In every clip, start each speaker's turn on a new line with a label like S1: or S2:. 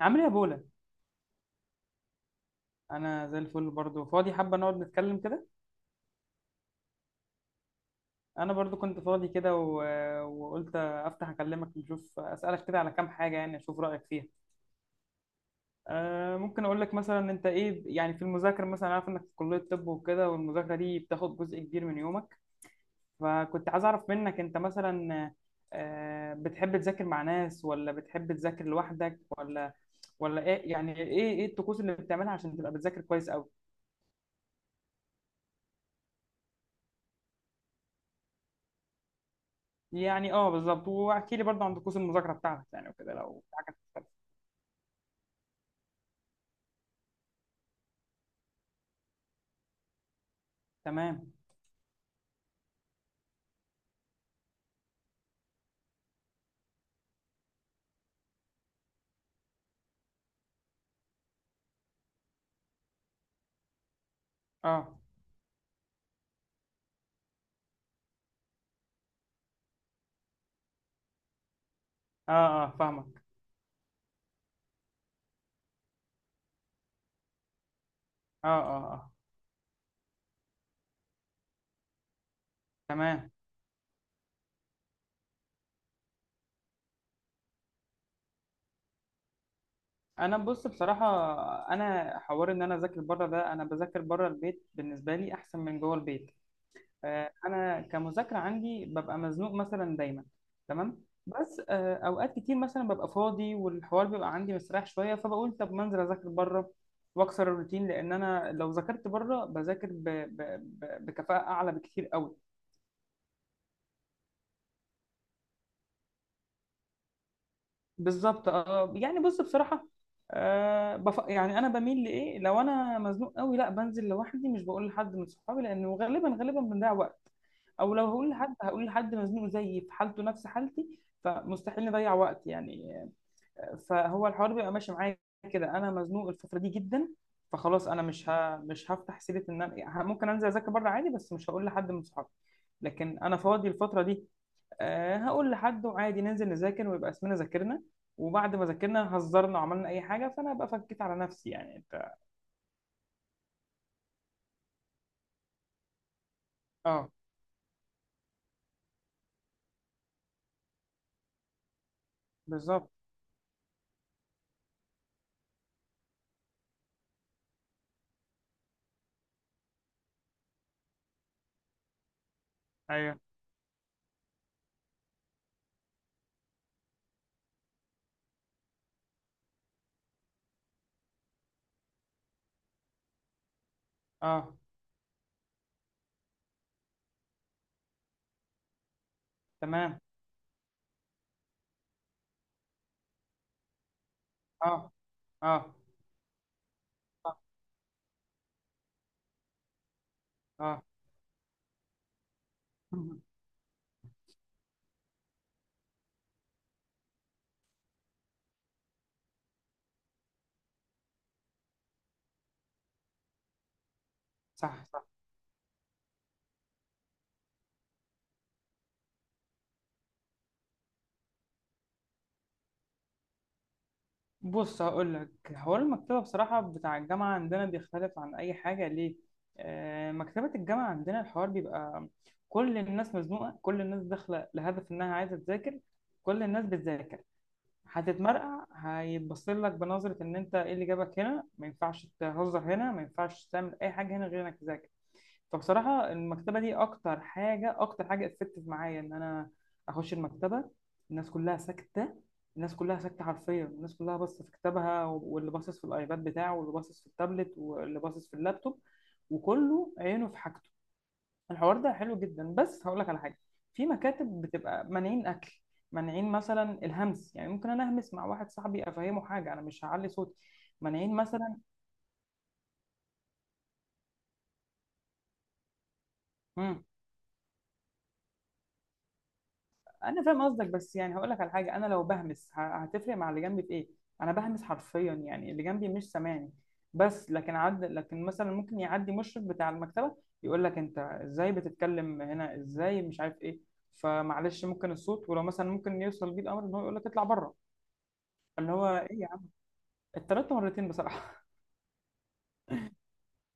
S1: عامل ايه يا بولا؟ انا زي الفل برضو، فاضي حابه نقعد نتكلم كده. انا برضو كنت فاضي كده وقلت افتح اكلمك نشوف اسالك كده على كام حاجه، يعني اشوف رايك فيها. ممكن اقول لك مثلا انت ايه؟ يعني في المذاكره مثلا، عارف انك في كليه طب وكده، والمذاكره دي بتاخد جزء كبير من يومك. فكنت عايز اعرف منك انت مثلا، بتحب تذاكر مع ناس ولا بتحب تذاكر لوحدك ولا ايه؟ يعني ايه الطقوس اللي بتعملها عشان تبقى بتذاكر كويس؟ يعني اه، بالظبط، واحكي لي برضه عن طقوس المذاكره بتاعتك، يعني وكده لو في حاجه تختلف. تمام. اه اه اه، فاهمك. اه اه اه. تمام. انا بص بصراحه، انا حوار ان انا اذاكر بره ده، انا بذاكر بره البيت بالنسبه لي احسن من جوه البيت. انا كمذاكره عندي ببقى مزنوق مثلا دايما. تمام، بس اوقات كتير مثلا ببقى فاضي والحوار بيبقى عندي مستريح شويه، فبقول طب ما انزل اذاكر بره واكسر الروتين، لان انا لو ذاكرت بره بذاكر بكفاءه اعلى بكتير قوي. بالظبط اه، يعني بص بصراحه، يعني انا بميل لايه، لو انا مزنوق قوي لا بنزل لوحدي، مش بقول لحد من صحابي لانه غالبا غالبا بنضيع وقت. او لو هقول لحد، هقول لحد مزنوق زيي في حالته نفس حالتي فمستحيل نضيع وقت يعني. فهو الحوار بيبقى ماشي معايا. كده انا مزنوق الفتره دي جدا، فخلاص انا مش هفتح سيره ان انا ممكن انزل اذاكر بره عادي، بس مش هقول لحد من صحابي. لكن انا فاضي الفتره دي، هقول لحد، وعادي ننزل نذاكر ويبقى اسمنا ذاكرنا، وبعد ما ذاكرنا هزرنا وعملنا اي حاجه، فانا ابقى فكيت على نفسي يعني. انت اه، بالظبط. ايوه. اه تمام. اه اه اه اه. صح صح. بص هقول لك، حوار المكتبه بصراحه بتاع الجامعه عندنا بيختلف عن اي حاجه، ليه؟ مكتبه الجامعه عندنا الحوار بيبقى، كل الناس مزنوقه، كل الناس داخله لهدف انها عايزه تذاكر، كل الناس بتذاكر. هتتمرقع، هيتبص لك بنظرة إن أنت إيه اللي جابك هنا، ما ينفعش تهزر هنا، ما ينفعش تعمل أي حاجة هنا غير إنك تذاكر. فبصراحة المكتبة دي أكتر حاجة، أكتر حاجة اتفتت معايا إن أنا أخش المكتبة. الناس كلها ساكتة. الناس كلها ساكتة حرفيا، الناس كلها باصة في كتابها، واللي باصص في الأيباد بتاعه، واللي باصص في التابلت، واللي باصص في اللابتوب، وكله عينه في حاجته. الحوار ده حلو جدا، بس هقول لك على حاجه. في مكاتب بتبقى مانعين اكل، مانعين مثلا الهمس، يعني ممكن انا اهمس مع واحد صاحبي افهمه حاجه، انا مش هعلي صوتي. مانعين مثلا. مم. انا فاهم قصدك، بس يعني هقول لك على حاجه، انا لو بهمس هتفرق مع اللي جنبي في ايه؟ انا بهمس حرفيا، يعني اللي جنبي مش سامعني. بس لكن لكن مثلا ممكن يعدي مشرف بتاع المكتبه يقول لك انت ازاي بتتكلم هنا، ازاي مش عارف ايه. فمعلش ممكن الصوت، ولو مثلا ممكن يوصل بيه الامر ان هو يقول لك اطلع بره. اللي هو ايه، اتطردت مرتين بصراحه.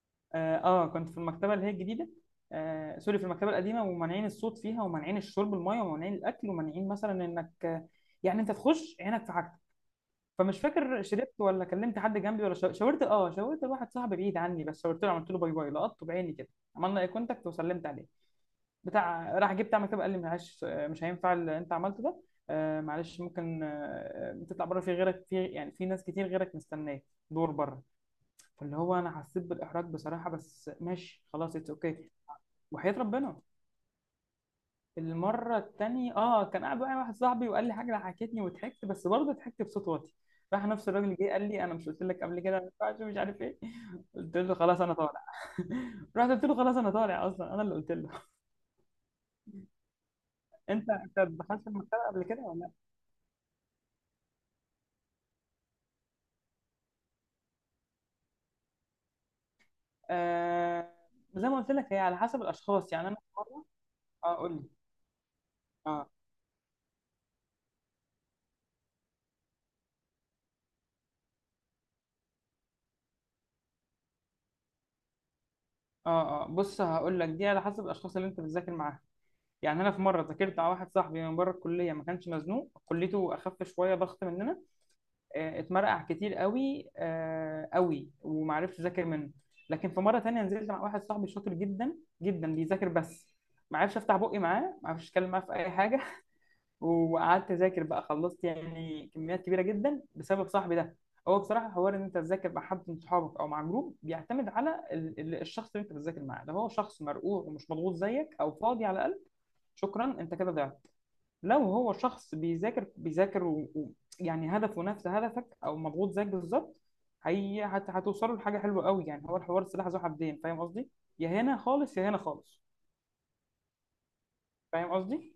S1: اه، كنت في المكتبه اللي هي الجديده. سوري، في المكتبه القديمه، ومانعين الصوت فيها، ومانعين الشرب الميه، ومانعين الاكل، ومانعين مثلا انك يعني انت تخش عينك في حاجتك. فمش فاكر، شربت ولا كلمت حد جنبي ولا شاورت واحد صاحبي بعيد عني، بس شاورت له، عملت له باي باي، لقطته بعيني كده. عملنا اي كونتاكت وسلمت عليه. بتاع راح جه بتاع مكتبه قال لي معلش، مش هينفع اللي انت عملته ده. معلش، ممكن تطلع بره، في غيرك، في يعني في ناس كتير غيرك مستناك. دور بره. فاللي هو انا حسيت بالاحراج بصراحه، بس ماشي خلاص، اتس اوكي. وحياة ربنا. المره التانية كان قاعد معايا واحد صاحبي وقال لي حاجه ضحكتني وضحكت، بس برضه ضحكت بصوت واطي. راح نفس الراجل جه قال لي انا مش قلت لك قبل كده ما ينفعش مش عارف ايه. قلت له خلاص انا طالع. رحت قلت له خلاص انا طالع، اصلا انا اللي قلت له. انت دخلت في المكتبه قبل كده ولا لا؟ آه، زي ما قلت لك هي على حسب الاشخاص، يعني انا في مره. اه قول لي. اه اه اه. بص هقول لك، دي على حسب الاشخاص اللي انت بتذاكر معاهم. يعني انا في مره ذاكرت على واحد صاحبي من بره الكليه، ما كانش مزنوق، كليته اخف شويه ضغط مننا. اتمرقع كتير قوي قوي، وما عرفش اذاكر منه. لكن في مره تانية نزلت مع واحد صاحبي شاطر جدا، جدا بيذاكر بس. ما عرفش افتح بقي معاه، ما عرفش اتكلم معاه في اي حاجه. وقعدت اذاكر بقى، خلصت يعني كميات كبيره جدا بسبب صاحبي ده. هو بصراحه، حوار ان انت تذاكر مع حد من صحابك او مع جروب بيعتمد على الشخص اللي انت بتذاكر معاه. لو هو شخص مرقوع ومش مضغوط زيك او فاضي على الاقل. شكرا انت كده ضعت. لو هو شخص بيذاكر بيذاكر يعني هدفه نفس هدفك او مضغوط زيك بالظبط، هي هتوصلوا لحاجه حلوه قوي يعني. هو الحوار سلاح ذو حدين، فاهم قصدي؟ يا هنا خالص يا هنا خالص. فاهم قصدي؟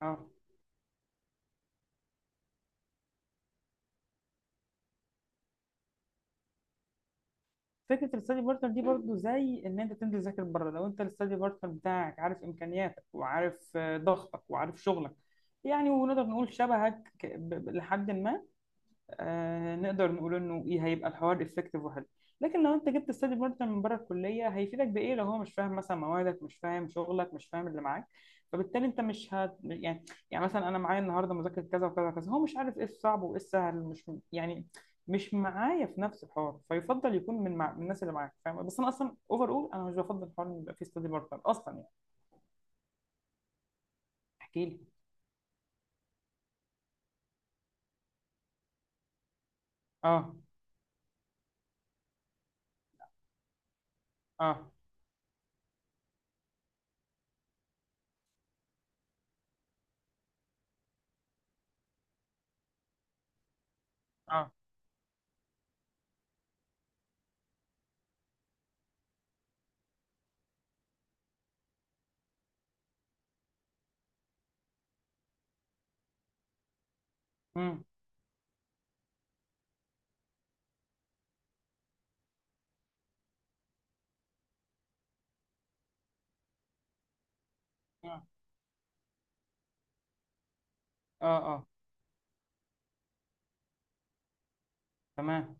S1: اه، فكره الستادي بارتنر دي برضو زي ان انت تنزل تذاكر بره. لو انت الستادي بارتنر بتاعك عارف امكانياتك، وعارف ضغطك، وعارف شغلك، يعني ونقدر نقول شبهك لحد ما، نقدر نقول انه ايه، هيبقى الحوار افكتيف وحلو. لكن لو انت جبت ستادي بارتنر من بره الكليه هيفيدك بايه لو هو مش فاهم مثلا موادك، مش فاهم شغلك، مش فاهم اللي معاك. فبالتالي انت مش هت يعني، يعني مثلا انا معايا النهارده مذاكره كذا وكذا وكذا، هو مش عارف ايه الصعب وايه السهل، مش يعني، مش معايا في نفس الحوار. فيفضل يكون من الناس اللي معاك فاهم. بس انا اصلا اوفر، اول انا مش بفضل حوار ان يبقى فيه ستادي بارتنر اصلا يعني. احكي لي. اه اه اه. امم. اه اه، تمام.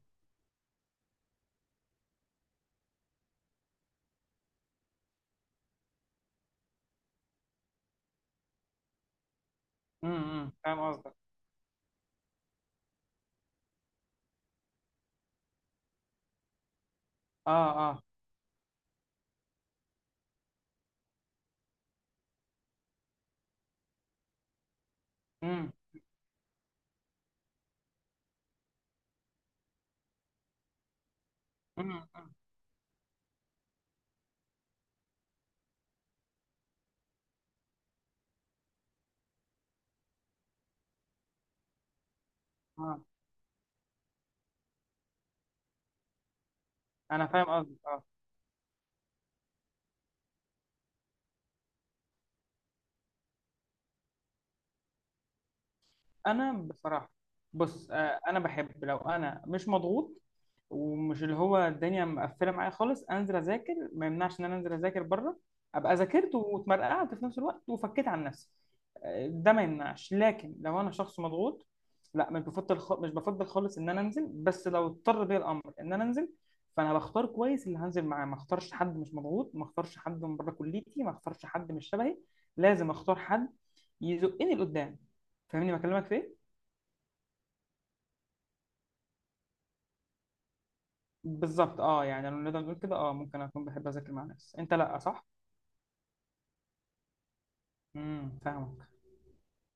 S1: فاهم قصدك. اه اه. امم أمم. اه. انا فاهم قصدك اه. انا بصراحه. بص، انا بحب لو انا مش مضغوط ومش اللي هو الدنيا مقفله معايا خالص انزل اذاكر، ما يمنعش ان انا انزل اذاكر بره، ابقى ذاكرت واتمرقعت في نفس الوقت وفكيت عن نفسي. ده ما يمنعش، لكن لو انا شخص مضغوط لا، مش بفضل مش بفضل خالص ان انا انزل. بس لو اضطر بيا الامر ان انا انزل، فانا بختار كويس اللي هنزل معاه، ما اختارش حد مش مضغوط، ما اختارش حد من بره كليتي، ما اختارش حد مش شبهي. لازم اختار حد يزقني لقدام. فاهمني بكلمك في ايه؟ بالظبط اه، يعني لو نقدر نقول كده، اه ممكن اكون بحب اذاكر مع ناس، انت لا، صح؟ فاهمك.